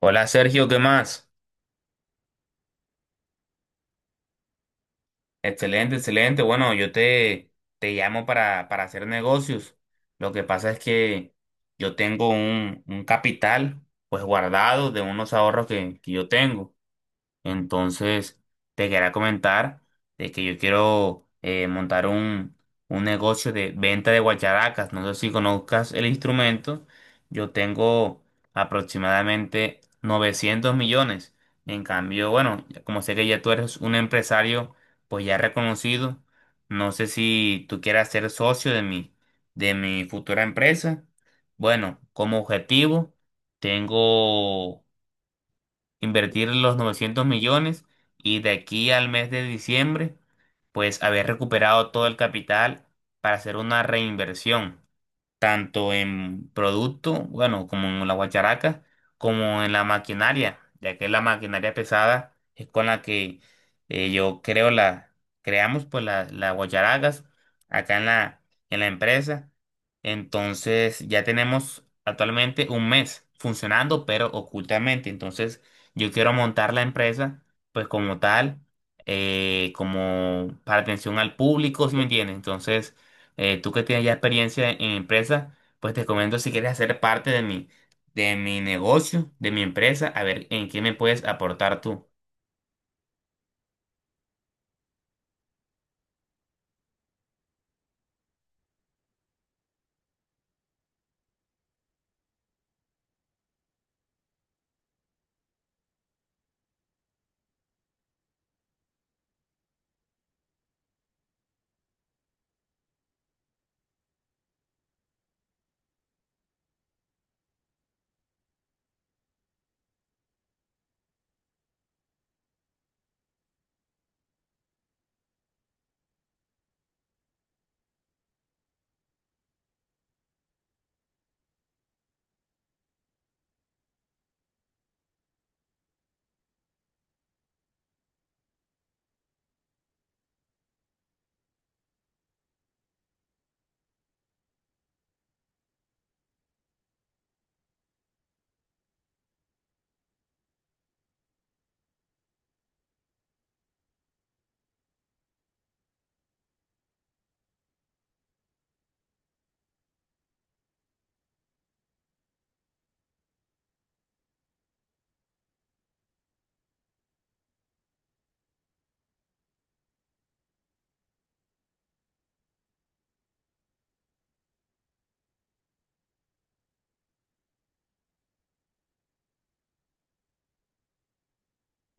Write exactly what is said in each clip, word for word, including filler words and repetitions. Hola Sergio, ¿qué más? Excelente, excelente. Bueno, yo te, te llamo para, para hacer negocios. Lo que pasa es que yo tengo un, un capital pues guardado de unos ahorros que, que yo tengo. Entonces, te quería comentar de que yo quiero eh, montar un, un negocio de venta de guacharacas. No sé si conozcas el instrumento. Yo tengo aproximadamente novecientos millones. En cambio, bueno, como sé que ya tú eres un empresario, pues ya reconocido, no sé si tú quieras ser socio de mi, de mi futura empresa. Bueno, como objetivo, tengo invertir los novecientos millones y de aquí al mes de diciembre, pues haber recuperado todo el capital para hacer una reinversión tanto en producto, bueno, como en la guacharaca, como en la maquinaria, ya que la maquinaria pesada es con la que eh, yo creo la, creamos pues la- las guacharacas acá en la, en la empresa. Entonces ya tenemos actualmente un mes funcionando, pero ocultamente. Entonces yo quiero montar la empresa pues como tal, eh, como para atención al público, ¿si me entiendes? Entonces eh, tú que tienes ya experiencia en empresa, pues te comento si quieres hacer parte de mi, de mi negocio, de mi empresa, a ver en qué me puedes aportar tú.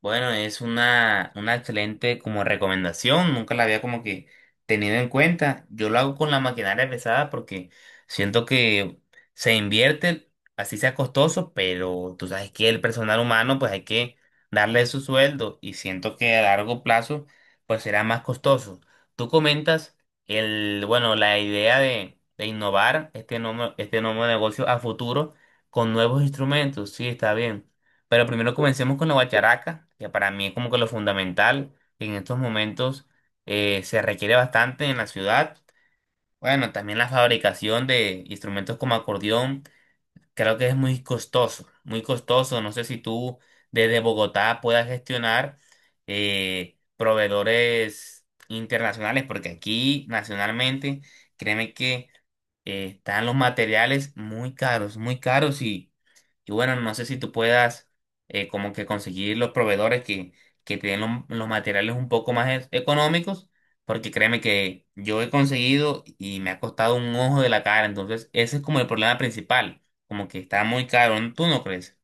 Bueno, es una, una excelente como recomendación, nunca la había como que tenido en cuenta. Yo lo hago con la maquinaria pesada porque siento que se invierte, así sea costoso, pero tú sabes que el personal humano pues hay que darle su sueldo y siento que a largo plazo pues será más costoso. Tú comentas el, bueno, la idea de, de innovar este nuevo, este nuevo negocio a futuro con nuevos instrumentos, sí, está bien. Pero primero comencemos con la guacharaca, que para mí es como que lo fundamental, que en estos momentos eh, se requiere bastante en la ciudad. Bueno, también la fabricación de instrumentos como acordeón, creo que es muy costoso, muy costoso. No sé si tú desde Bogotá puedas gestionar eh, proveedores internacionales, porque aquí nacionalmente, créeme que eh, están los materiales muy caros, muy caros y y bueno, no sé si tú puedas eh, como que conseguir los proveedores que, que te den lo- los materiales un poco más e- económicos, porque créeme que yo he conseguido y me ha costado un ojo de la cara, entonces ese es como el problema principal, como que está muy caro, ¿tú no crees?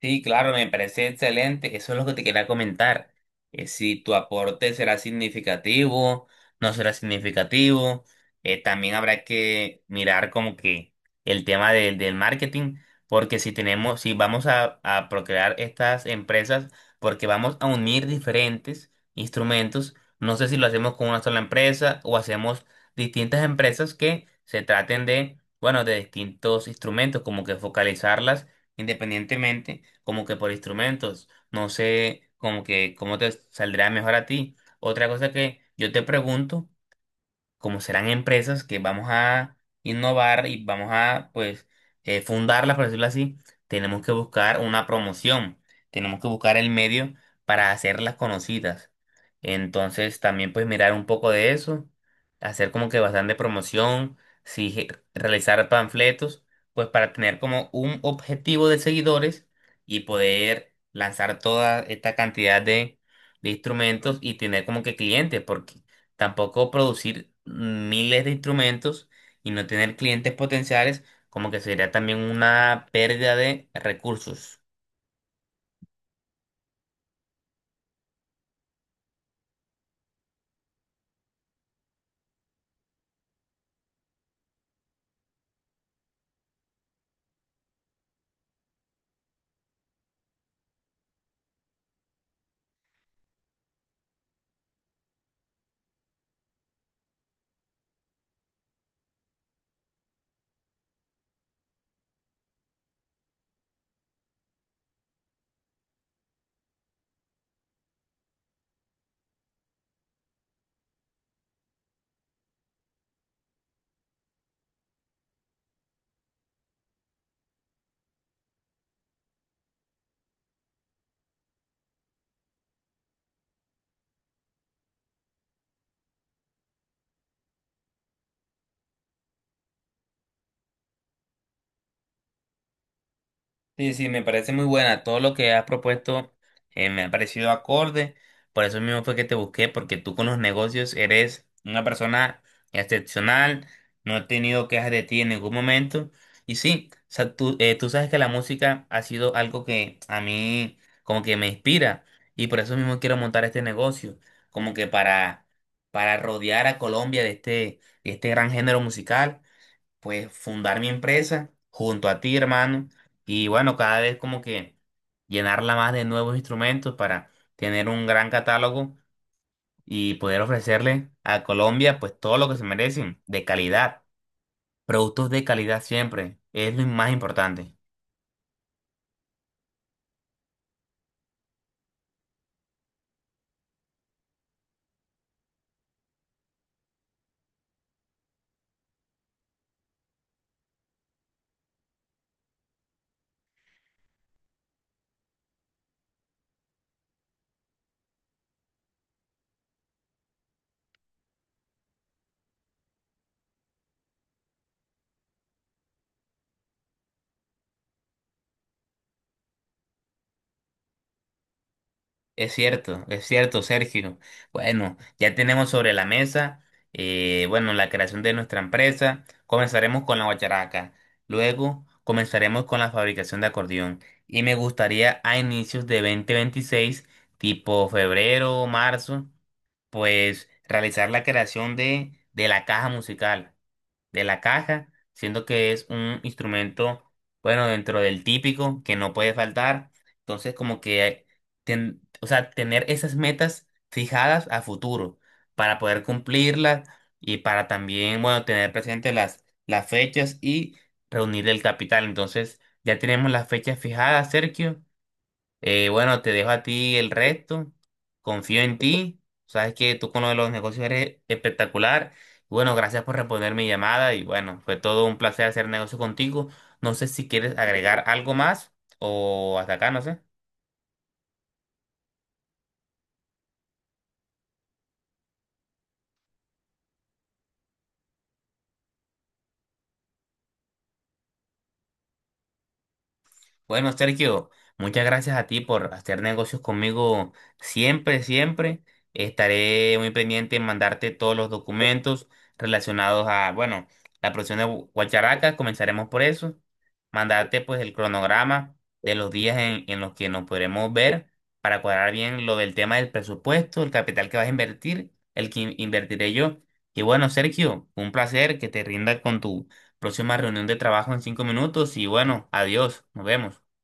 Sí, claro, me parece excelente. Eso es lo que te quería comentar. Eh, si tu aporte será significativo, no será significativo. Eh, también habrá que mirar como que el tema del del marketing, porque si tenemos, si vamos a, a procrear estas empresas, porque vamos a unir diferentes instrumentos, no sé si lo hacemos con una sola empresa o hacemos distintas empresas que se traten de, bueno, de distintos instrumentos, como que focalizarlas independientemente como que por instrumentos. No sé como que cómo te saldrá mejor a ti. Otra cosa que yo te pregunto como serán empresas que vamos a innovar y vamos a, pues, eh, fundarlas, por decirlo así, tenemos que buscar una promoción, tenemos que buscar el medio para hacerlas conocidas. Entonces, también, pues, mirar un poco de eso, hacer como que bastante promoción, si je- realizar panfletos, pues, para tener como un objetivo de seguidores y poder lanzar toda esta cantidad de, de instrumentos y tener como que clientes, porque tampoco producir miles de instrumentos y no tener clientes potenciales, como que sería también una pérdida de recursos. Sí, sí, me parece muy buena. Todo lo que has propuesto eh, me ha parecido acorde. Por eso mismo fue que te busqué, porque tú con los negocios eres una persona excepcional. No he tenido quejas de ti en ningún momento. Y sí, o sea, tú, eh, tú sabes que la música ha sido algo que a mí como que me inspira. Y por eso mismo quiero montar este negocio, como que para, para rodear a Colombia de este, de este gran género musical, pues fundar mi empresa junto a ti, hermano, y bueno, cada vez como que llenarla más de nuevos instrumentos para tener un gran catálogo y poder ofrecerle a Colombia pues todo lo que se merecen de calidad, productos de calidad siempre, es lo más importante. Es cierto, es cierto, Sergio. Bueno, ya tenemos sobre la mesa, eh, bueno, la creación de nuestra empresa. Comenzaremos con la guacharaca, luego comenzaremos con la fabricación de acordeón. Y me gustaría a inicios de dos mil veintiséis, tipo febrero o marzo, pues realizar la creación de, de la caja musical de la caja, siendo que es un instrumento, bueno, dentro del típico, que no puede faltar. Entonces, como que, ten- o sea, tener esas metas fijadas a futuro para poder cumplirlas y para también, bueno, tener presente las, las fechas y reunir el capital. Entonces, ya tenemos las fechas fijadas, Sergio. Eh, bueno, te dejo a ti el resto. Confío en ti. Sabes que tú con lo de los negocios eres espectacular. Bueno, gracias por responder mi llamada y bueno, fue todo un placer hacer negocio contigo. No sé si quieres agregar algo más o hasta acá, no sé. Bueno, Sergio, muchas gracias a ti por hacer negocios conmigo siempre, siempre. Estaré muy pendiente en mandarte todos los documentos relacionados a, bueno, la producción de Gu- Guacharaca, comenzaremos por eso. Mandarte pues el cronograma de los días en, en los que nos podremos ver para cuadrar bien lo del tema del presupuesto, el capital que vas a invertir, el que in- invertiré yo. Y bueno, Sergio, un placer que te rinda con tu próxima reunión de trabajo en cinco minutos y bueno, adiós, nos vemos.